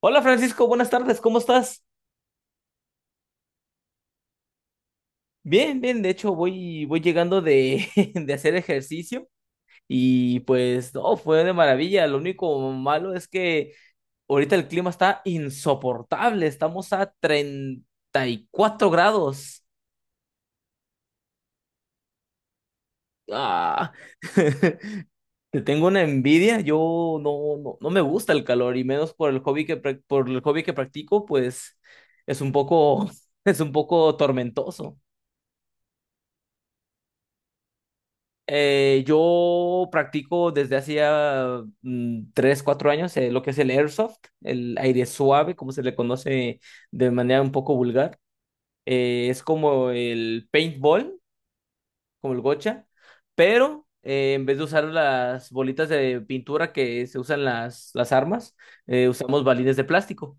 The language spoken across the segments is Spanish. Hola Francisco, buenas tardes, ¿cómo estás? Bien, bien, de hecho voy llegando de hacer ejercicio y pues no, fue de maravilla, lo único malo es que ahorita el clima está insoportable, estamos a 34 grados. Ah, te tengo una envidia, yo no me gusta el calor y menos por el por el hobby que practico, pues es un poco, es un poco tormentoso. Yo practico desde hacía tres, cuatro años lo que es el airsoft, el aire suave, como se le conoce de manera un poco vulgar. Es como el paintball, como el gocha, pero en vez de usar las bolitas de pintura que se usan las armas, usamos balines de plástico.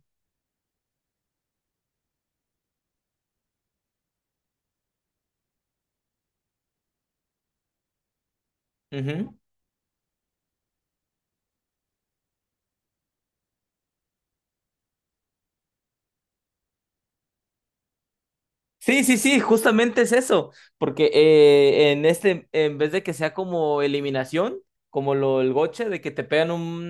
Ujú. Sí, sí, sí, justamente es eso, porque en este, en vez de que sea como eliminación, como lo el goche, de que te pegan un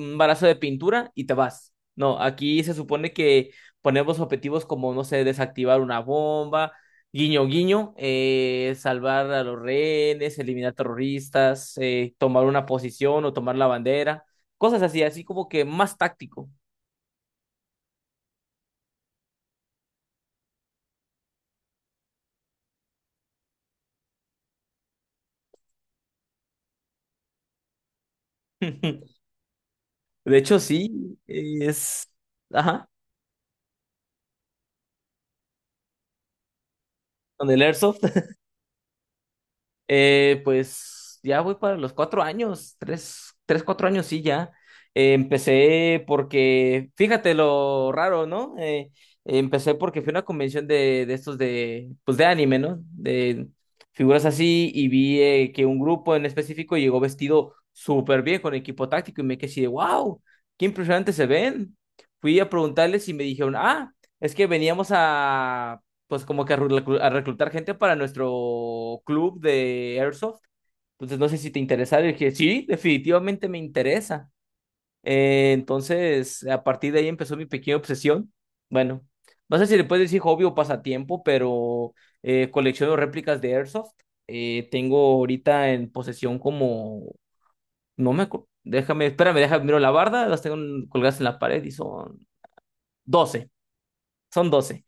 un balazo de pintura y te vas. No, aquí se supone que ponemos objetivos como, no sé, desactivar una bomba, guiño, guiño, salvar a los rehenes, eliminar terroristas, tomar una posición o tomar la bandera, cosas así, así como que más táctico. De hecho, sí, es... Ajá, con el Airsoft. Pues ya voy para los cuatro años, cuatro años, sí, ya. Empecé porque, fíjate lo raro, ¿no? Empecé porque fui a una convención de estos de, pues de anime, ¿no? De figuras así y vi que un grupo en específico llegó vestido súper bien con equipo táctico y me quedé así de, wow, qué impresionante se ven. Fui a preguntarles y me dijeron, ah, es que veníamos a pues como que a reclutar gente para nuestro club de Airsoft. Entonces no sé si te interesa. Le dije, sí, definitivamente me interesa. Entonces, a partir de ahí empezó mi pequeña obsesión. Bueno, no sé si le puedes decir hobby o pasatiempo, pero colecciono réplicas de Airsoft. Tengo ahorita en posesión como, no me acuerdo, déjame, espérame, déjame, miro la barda, las tengo colgadas en la pared y son 12, son doce.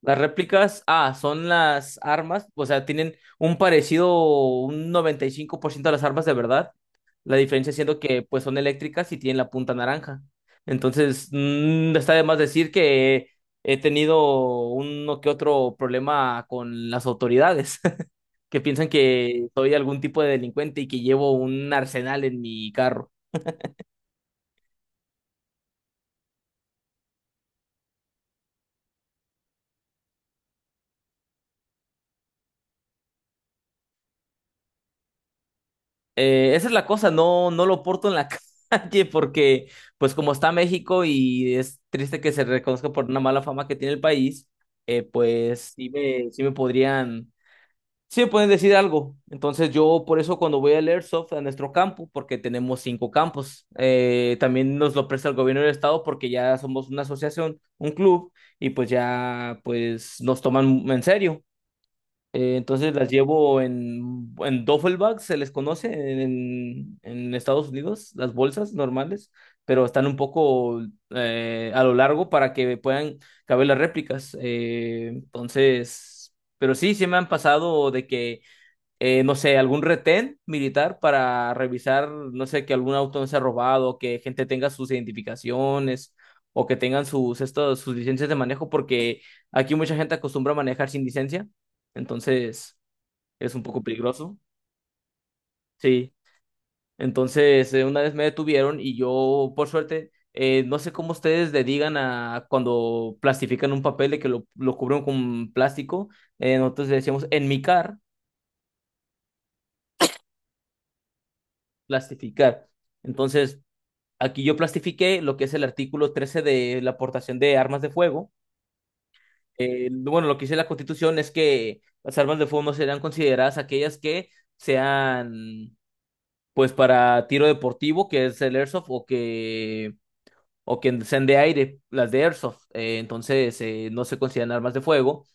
Las réplicas, ah, son las armas, o sea, tienen un parecido, un 95% de las armas de verdad. La diferencia siendo que pues son eléctricas y tienen la punta naranja. Entonces, está de más decir que he tenido uno que otro problema con las autoridades, que piensan que soy algún tipo de delincuente y que llevo un arsenal en mi carro. Esa es la cosa, no, no lo porto en la calle porque, pues como está México y es triste que se reconozca por una mala fama que tiene el país, pues sí me podrían, sí me pueden decir algo. Entonces yo por eso cuando voy al Airsoft a nuestro campo, porque tenemos cinco campos, también nos lo presta el gobierno del estado porque ya somos una asociación, un club, y pues ya pues nos toman en serio. Entonces las llevo en duffel bag, se les conoce en Estados Unidos, las bolsas normales, pero están un poco a lo largo para que puedan caber las réplicas. Pero sí, sí me han pasado de que no sé, algún retén militar para revisar, no sé, que algún auto no sea robado, que gente tenga sus identificaciones o que tengan sus, estos, sus licencias de manejo, porque aquí mucha gente acostumbra a manejar sin licencia, entonces es un poco peligroso. Sí, entonces una vez me detuvieron y yo, por suerte, no sé cómo ustedes le digan a cuando plastifican un papel de que lo cubren con plástico, nosotros le decíamos enmicar, plastificar. Entonces, aquí yo plastifiqué lo que es el artículo 13 de la aportación de armas de fuego. Bueno, lo que dice la Constitución es que las armas de fuego no serán consideradas aquellas que sean, pues, para tiro deportivo, que es el airsoft, o que sean de aire, las de airsoft. Entonces, no se consideran armas de fuego.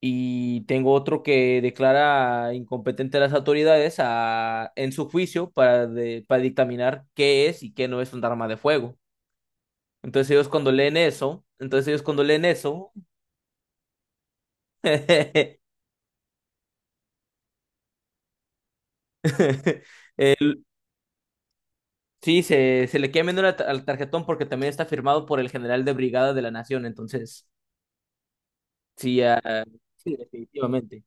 Y tengo otro que declara incompetente a las autoridades en su juicio para dictaminar qué es y qué no es un arma de fuego. Entonces ellos cuando leen eso, sí, se le queda viendo la al tarjetón porque también está firmado por el general de brigada de la nación, entonces, sí, ah, sí, definitivamente.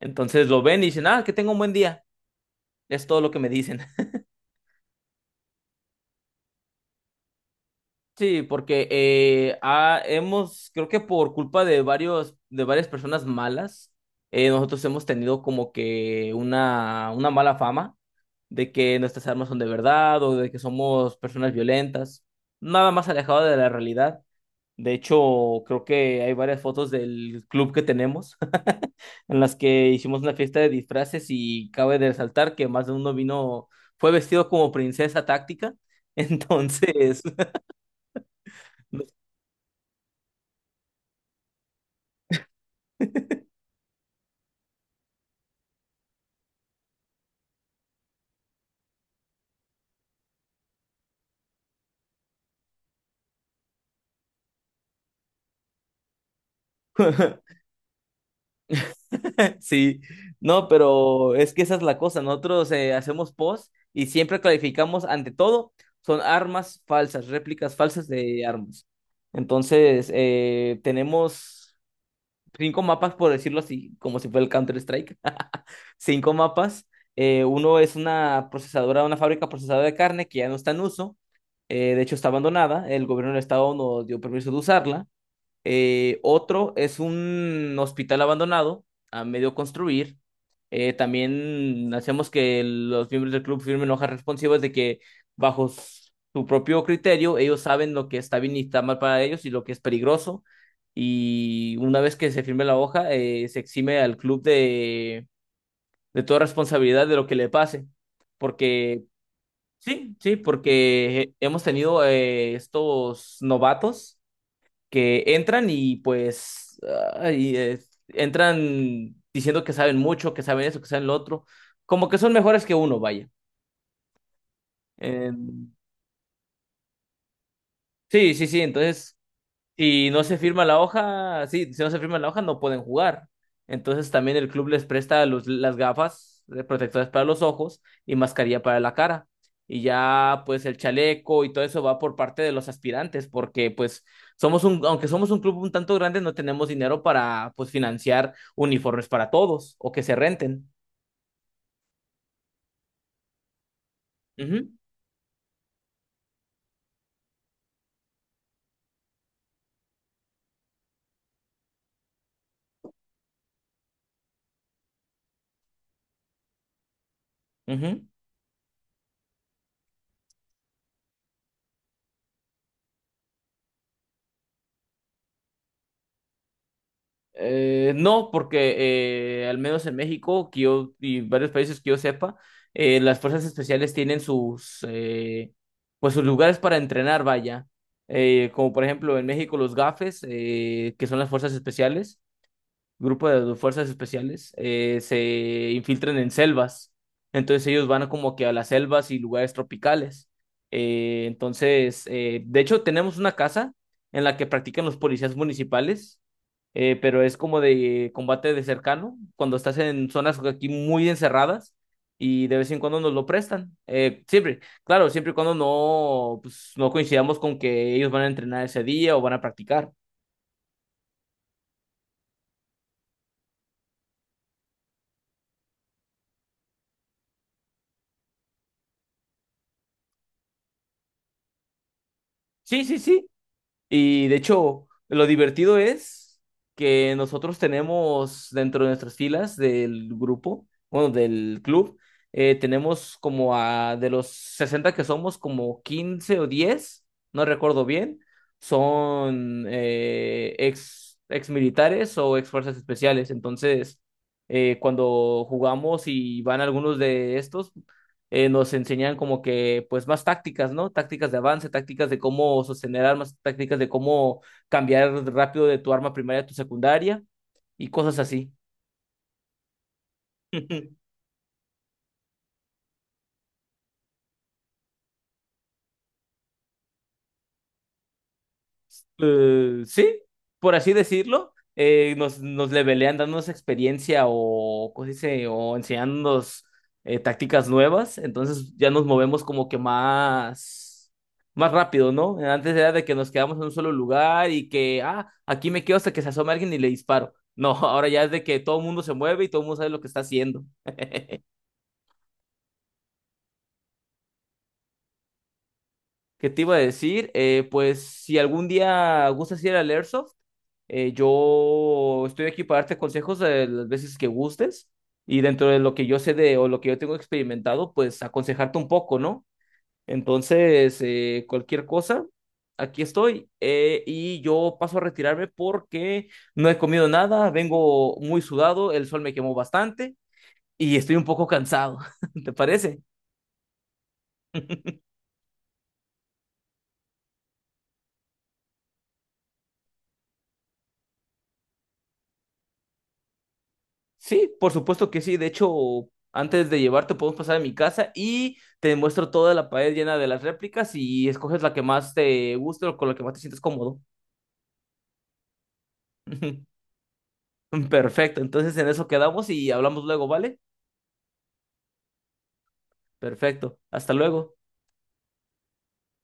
Entonces lo ven y dicen, ah, que tenga un buen día, es todo lo que me dicen. Sí, porque hemos, creo que por culpa de varias personas malas, nosotros hemos tenido como que una mala fama de que nuestras armas son de verdad o de que somos personas violentas, nada más alejado de la realidad. De hecho, creo que hay varias fotos del club que tenemos en las que hicimos una fiesta de disfraces y cabe de resaltar que más de uno vino, fue vestido como princesa táctica, entonces... Sí, no, pero es que esa es la cosa. Nosotros hacemos post y siempre clarificamos, ante todo, son armas falsas, réplicas falsas de armas. Entonces, tenemos cinco mapas, por decirlo así, como si fuera el Counter-Strike. Cinco mapas. Uno es una procesadora, una fábrica procesadora de carne que ya no está en uso. De hecho, está abandonada. El gobierno del estado nos dio permiso de usarla. Otro es un hospital abandonado a medio construir. También hacemos que los miembros del club firmen hojas responsivas de que bajo su propio criterio ellos saben lo que está bien y está mal para ellos y lo que es peligroso. Y una vez que se firme la hoja, se exime al club de toda responsabilidad de lo que le pase. Porque, sí, sí, porque hemos tenido estos novatos que entran y pues ay, entran diciendo que saben mucho, que saben eso, que saben lo otro, como que son mejores que uno, vaya. Eh, sí, sí, entonces y no se firma la hoja, sí, si no se firma la hoja no pueden jugar. Entonces también el club les presta las gafas protectoras para los ojos y mascarilla para la cara. Y ya pues el chaleco y todo eso va por parte de los aspirantes porque pues aunque somos un club un tanto grande, no tenemos dinero para pues financiar uniformes para todos o que se renten. Ujú, ujú. No, porque al menos en México que y varios países que yo sepa, las fuerzas especiales tienen sus, pues sus lugares para entrenar, vaya. Como por ejemplo en México los GAFES, que son las fuerzas especiales grupo de fuerzas especiales se infiltran en selvas. Entonces ellos van como que a las selvas y lugares tropicales. Entonces, de hecho, tenemos una casa en la que practican los policías municipales, pero es como de combate de cercano, cuando estás en zonas aquí muy encerradas y de vez en cuando nos lo prestan. Siempre, claro, siempre y cuando no, pues, no coincidamos con que ellos van a entrenar ese día o van a practicar. Sí, sí, sí. Y de hecho, lo divertido es que nosotros tenemos dentro de nuestras filas del grupo, bueno, del club, tenemos como a de los 60 que somos, como 15 o 10, no recuerdo bien, son ex militares o ex fuerzas especiales. Entonces, cuando jugamos y van algunos de estos, nos enseñan como que, pues, más tácticas, ¿no? Tácticas de avance, tácticas de cómo sostener armas, tácticas de cómo cambiar rápido de tu arma primaria a tu secundaria y cosas así. Sí, por así decirlo, nos levelean dándonos experiencia o, ¿cómo se dice? O enseñándonos tácticas nuevas, entonces ya nos movemos como que más, más rápido, ¿no? Antes era de que nos quedamos en un solo lugar y que, ah, aquí me quedo hasta que se asome alguien y le disparo. No, ahora ya es de que todo el mundo se mueve y todo el mundo sabe lo que está haciendo. ¿Qué te iba a decir? Pues si algún día gustas ir al Airsoft, yo estoy aquí para darte consejos de las veces que gustes y dentro de lo que yo sé de o lo que yo tengo experimentado, pues aconsejarte un poco, ¿no? Entonces, cualquier cosa, aquí estoy y yo paso a retirarme porque no he comido nada, vengo muy sudado, el sol me quemó bastante y estoy un poco cansado. ¿Te parece? Sí, por supuesto que sí. De hecho, antes de llevarte podemos pasar a mi casa y te muestro toda la pared llena de las réplicas y escoges la que más te guste o con la que más te sientes cómodo. Perfecto, entonces en eso quedamos y hablamos luego, ¿vale? Perfecto, hasta luego.